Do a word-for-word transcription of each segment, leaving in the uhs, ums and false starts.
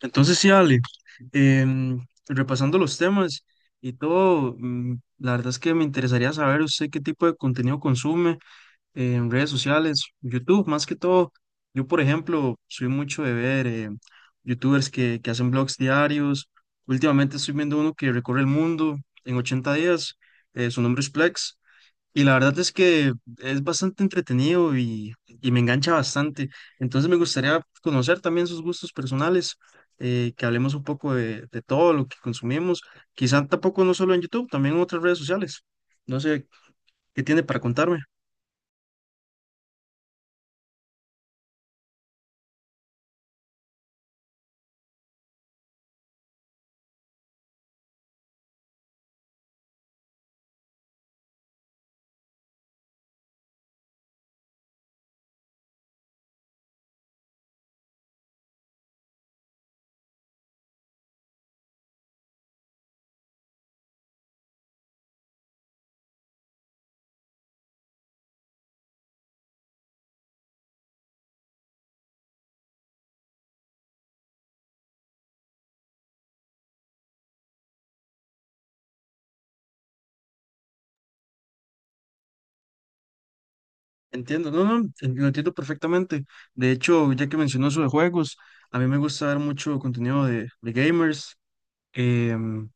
Entonces sí, Ale, em, repasando los temas y todo, mm, la verdad es que me interesaría saber usted qué tipo de contenido consume en redes sociales, YouTube más que todo. Yo, por ejemplo, soy mucho de ver eh, YouTubers que, que hacen blogs diarios. Últimamente estoy viendo uno que recorre el mundo en ochenta días. Eh, su nombre es Plex. Y la verdad es que es bastante entretenido y, y me engancha bastante. Entonces me gustaría conocer también sus gustos personales, eh, que hablemos un poco de, de todo lo que consumimos, quizá tampoco no solo en YouTube, también en otras redes sociales. No sé qué tiene para contarme. Entiendo, no, no, en- lo entiendo perfectamente. De hecho, ya que mencionó eso de juegos, a mí me gusta ver mucho contenido de, de gamers. em,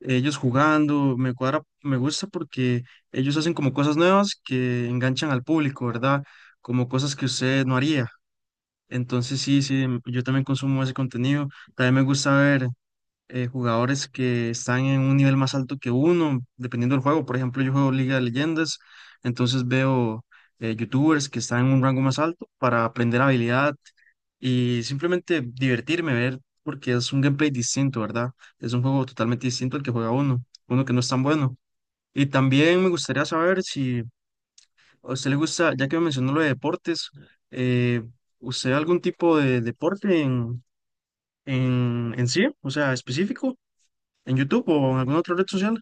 Ellos jugando, me cuadra, me gusta porque ellos hacen como cosas nuevas que enganchan al público, ¿verdad? Como cosas que usted no haría. Entonces sí, sí, m- yo también consumo ese contenido. También me gusta ver eh, jugadores que están en un nivel más alto que uno, dependiendo del juego. Por ejemplo, yo juego Liga de Leyendas, entonces veo eh, youtubers que están en un rango más alto para aprender habilidad y simplemente divertirme, ver, porque es un gameplay distinto, ¿verdad? Es un juego totalmente distinto al que juega uno, uno que no es tan bueno. Y también me gustaría saber si a usted le gusta, ya que me mencionó lo de deportes, eh, ¿usted algún tipo de deporte en, en, en sí, o sea, específico, en YouTube o en alguna otra red social?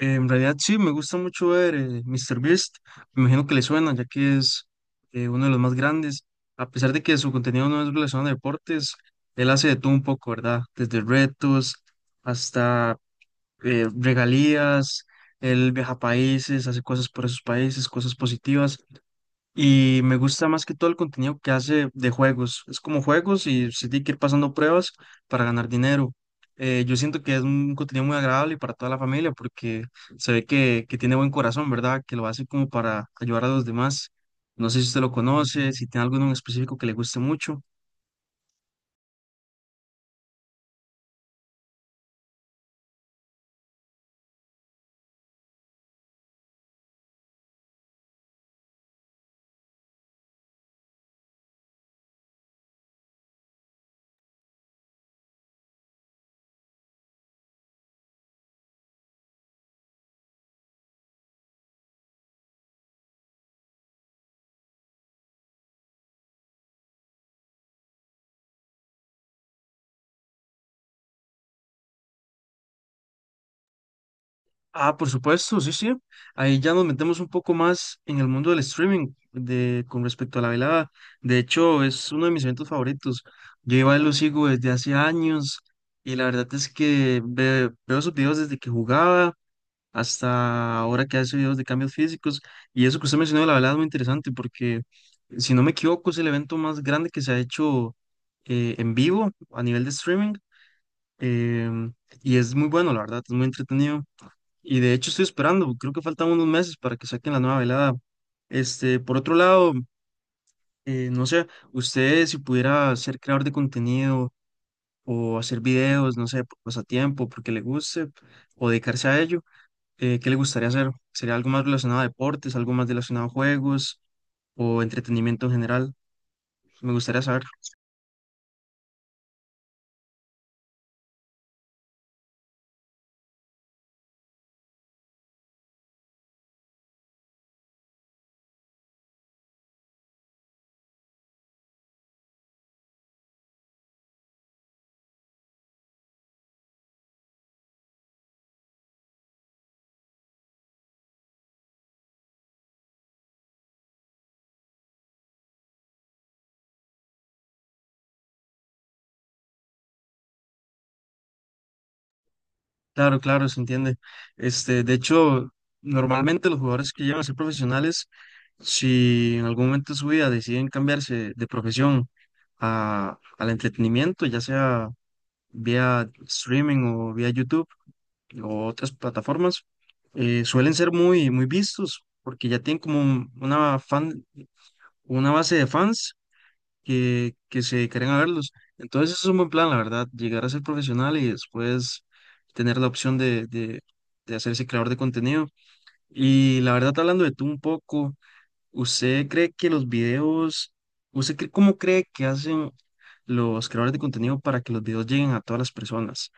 Eh, en realidad sí, me gusta mucho ver eh, míster Beast. Me imagino que le suena, ya que es eh, uno de los más grandes. A pesar de que su contenido no es relacionado a deportes, él hace de todo un poco, ¿verdad? Desde retos hasta eh, regalías, él viaja a países, hace cosas por esos países, cosas positivas. Y me gusta más que todo el contenido que hace de juegos. Es como juegos y se tiene que ir pasando pruebas para ganar dinero. Eh, yo siento que es un contenido muy agradable para toda la familia porque se ve que, que tiene buen corazón, ¿verdad? Que lo hace como para ayudar a los demás. No sé si usted lo conoce, si tiene alguno en específico que le guste mucho. Ah, por supuesto, sí, sí. Ahí ya nos metemos un poco más en el mundo del streaming de, con respecto a la velada. De hecho, es uno de mis eventos favoritos. Yo iba y lo sigo desde hace años y la verdad es que ve- veo sus videos desde que jugaba hasta ahora que hace videos de cambios físicos. Y eso que usted mencionó, de la velada es muy interesante porque, si no me equivoco, es el evento más grande que se ha hecho eh, en vivo a nivel de streaming. em, y es muy bueno, la verdad, es muy entretenido. Y de hecho estoy esperando, creo que faltan unos meses para que saquen la nueva velada. Este, por otro lado, eh, no sé, usted si pudiera ser creador de contenido o hacer videos, no sé, por pasatiempo, porque le guste o dedicarse a ello, eh, ¿qué le gustaría hacer? ¿Sería algo más relacionado a deportes, algo más relacionado a juegos o entretenimiento en general? Me gustaría saber. Claro, claro, se entiende. Este, de hecho, normalmente los jugadores que llegan a ser profesionales, si en algún momento de su vida deciden cambiarse de profesión a, al entretenimiento, ya sea vía streaming o vía YouTube o otras plataformas, eh, suelen ser muy, muy vistos porque ya tienen como un- una fan, una base de fans que, que se dedicarían a verlos. Entonces es un buen plan, la verdad, llegar a ser profesional y después tener la opción de, de, de hacerse creador de contenido. Y la verdad, hablando de tú un poco, ¿usted cree que los videos, usted cree- cómo cree que hacen los creadores de contenido para que los videos lleguen a todas las personas?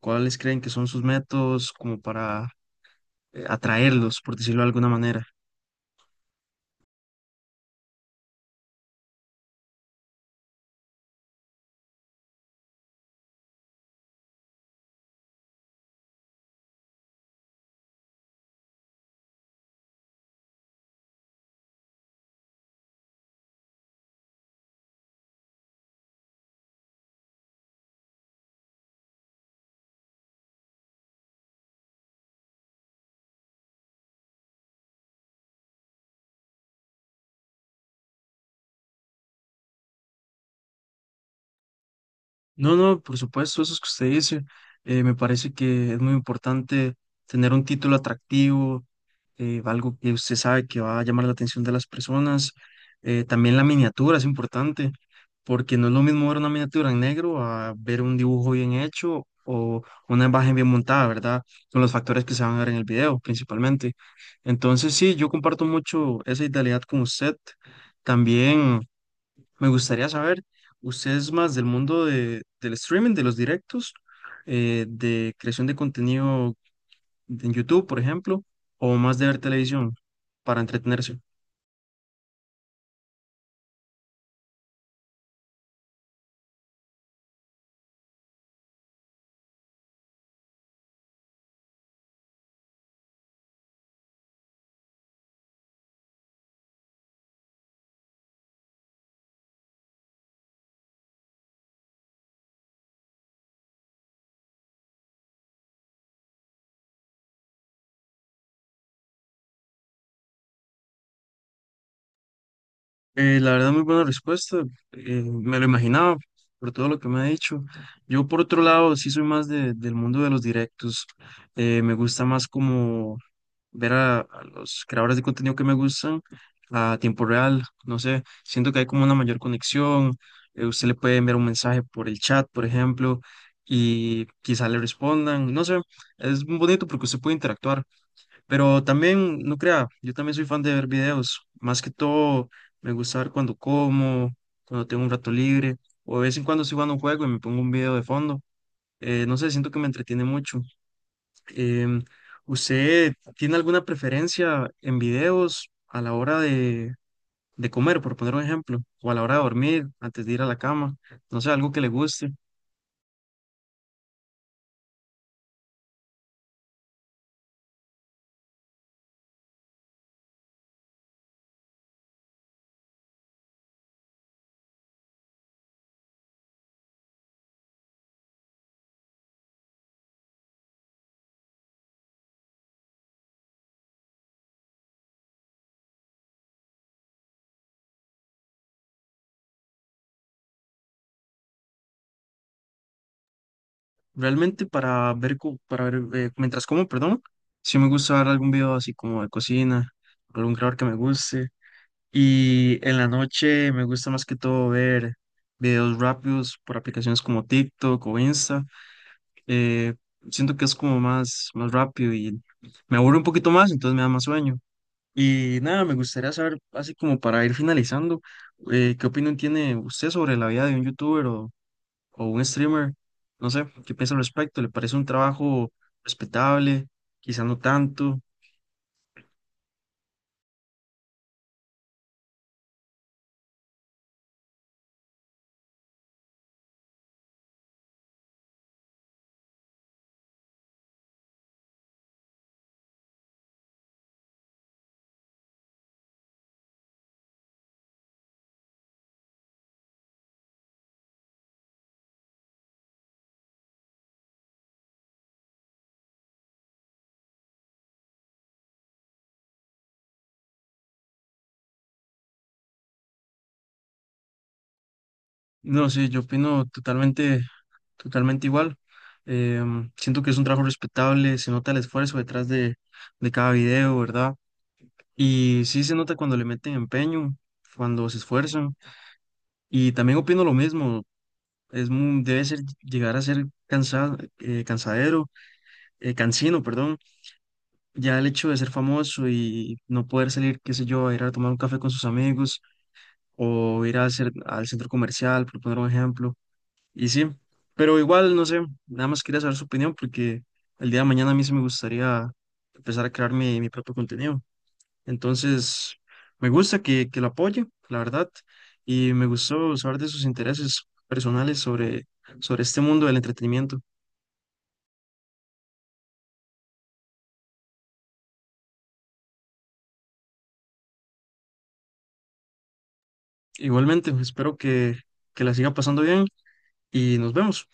¿Cuáles creen que son sus métodos como para eh, atraerlos, por decirlo de alguna manera? No, no, por supuesto, eso es que usted dice. Eh, me parece que es muy importante tener un título atractivo, eh, algo que usted sabe que va a llamar la atención de las personas. Eh, también la miniatura es importante, porque no es lo mismo ver una miniatura en negro a ver un dibujo bien hecho o una imagen bien montada, ¿verdad? Son los factores que se van a ver en el video principalmente. Entonces, sí, yo comparto mucho esa idealidad con usted. También. Me gustaría saber, ¿usted es más del mundo de, del streaming, de los directos, eh, de creación de contenido en YouTube, por ejemplo, o más de ver televisión para entretenerse? Eh, la verdad, muy buena respuesta. Eh, me lo imaginaba por todo lo que me ha dicho. Yo, por otro lado, sí soy más de- del mundo de los directos. Eh, me gusta más como ver a, a los creadores de contenido que me gustan a tiempo real, no sé, siento que hay como una mayor conexión, eh, usted le puede enviar un mensaje por el chat, por ejemplo, y quizá le respondan, no sé, es bonito porque usted puede interactuar, pero también, no crea, yo también soy fan de ver videos, más que todo me gusta ver cuando como, cuando tengo un rato libre, o de vez en cuando estoy jugando un juego y me pongo un video de fondo, eh, no sé, siento que me entretiene mucho. Em, ¿Usted tiene alguna preferencia en videos a la hora de, de comer, por poner un ejemplo, o a la hora de dormir, antes de ir a la cama? No sé, algo que le guste. Realmente para ver, co- para ver eh, mientras como, perdón, sí me gusta ver algún video así como de cocina, algún creador que me guste. Y en la noche me gusta más que todo ver videos rápidos por aplicaciones como TikTok o Insta. eh, Siento que es como más, más rápido y me aburre un poquito más, entonces me da más sueño. Y nada, me gustaría saber, así como para ir finalizando, eh, ¿qué opinión tiene usted sobre la vida de un youtuber o, o un streamer? No sé, ¿qué piensa al respecto? ¿Le parece un trabajo respetable? Quizá no tanto. No, sí, yo opino totalmente, totalmente igual. Em, siento que es un trabajo respetable, se nota el esfuerzo detrás de, de cada video, ¿verdad? Y sí se nota cuando le meten empeño, cuando se esfuerzan. Y también opino lo mismo. Es muy, debe ser llegar a ser cansado, eh, cansadero, eh, cansino, perdón. Ya el hecho de ser famoso y no poder salir, qué sé yo, a ir a tomar un café con sus amigos o ir a hacer, al centro comercial, por poner un ejemplo. Y sí, pero igual, no sé, nada más quería saber su opinión porque el día de mañana a mí sí me gustaría empezar a crear mi, mi propio contenido. Entonces, me gusta que, que la apoye, la verdad, y me gustó saber de sus intereses personales sobre, sobre este mundo del entretenimiento. Igualmente, espero que, que la siga pasando bien y nos vemos.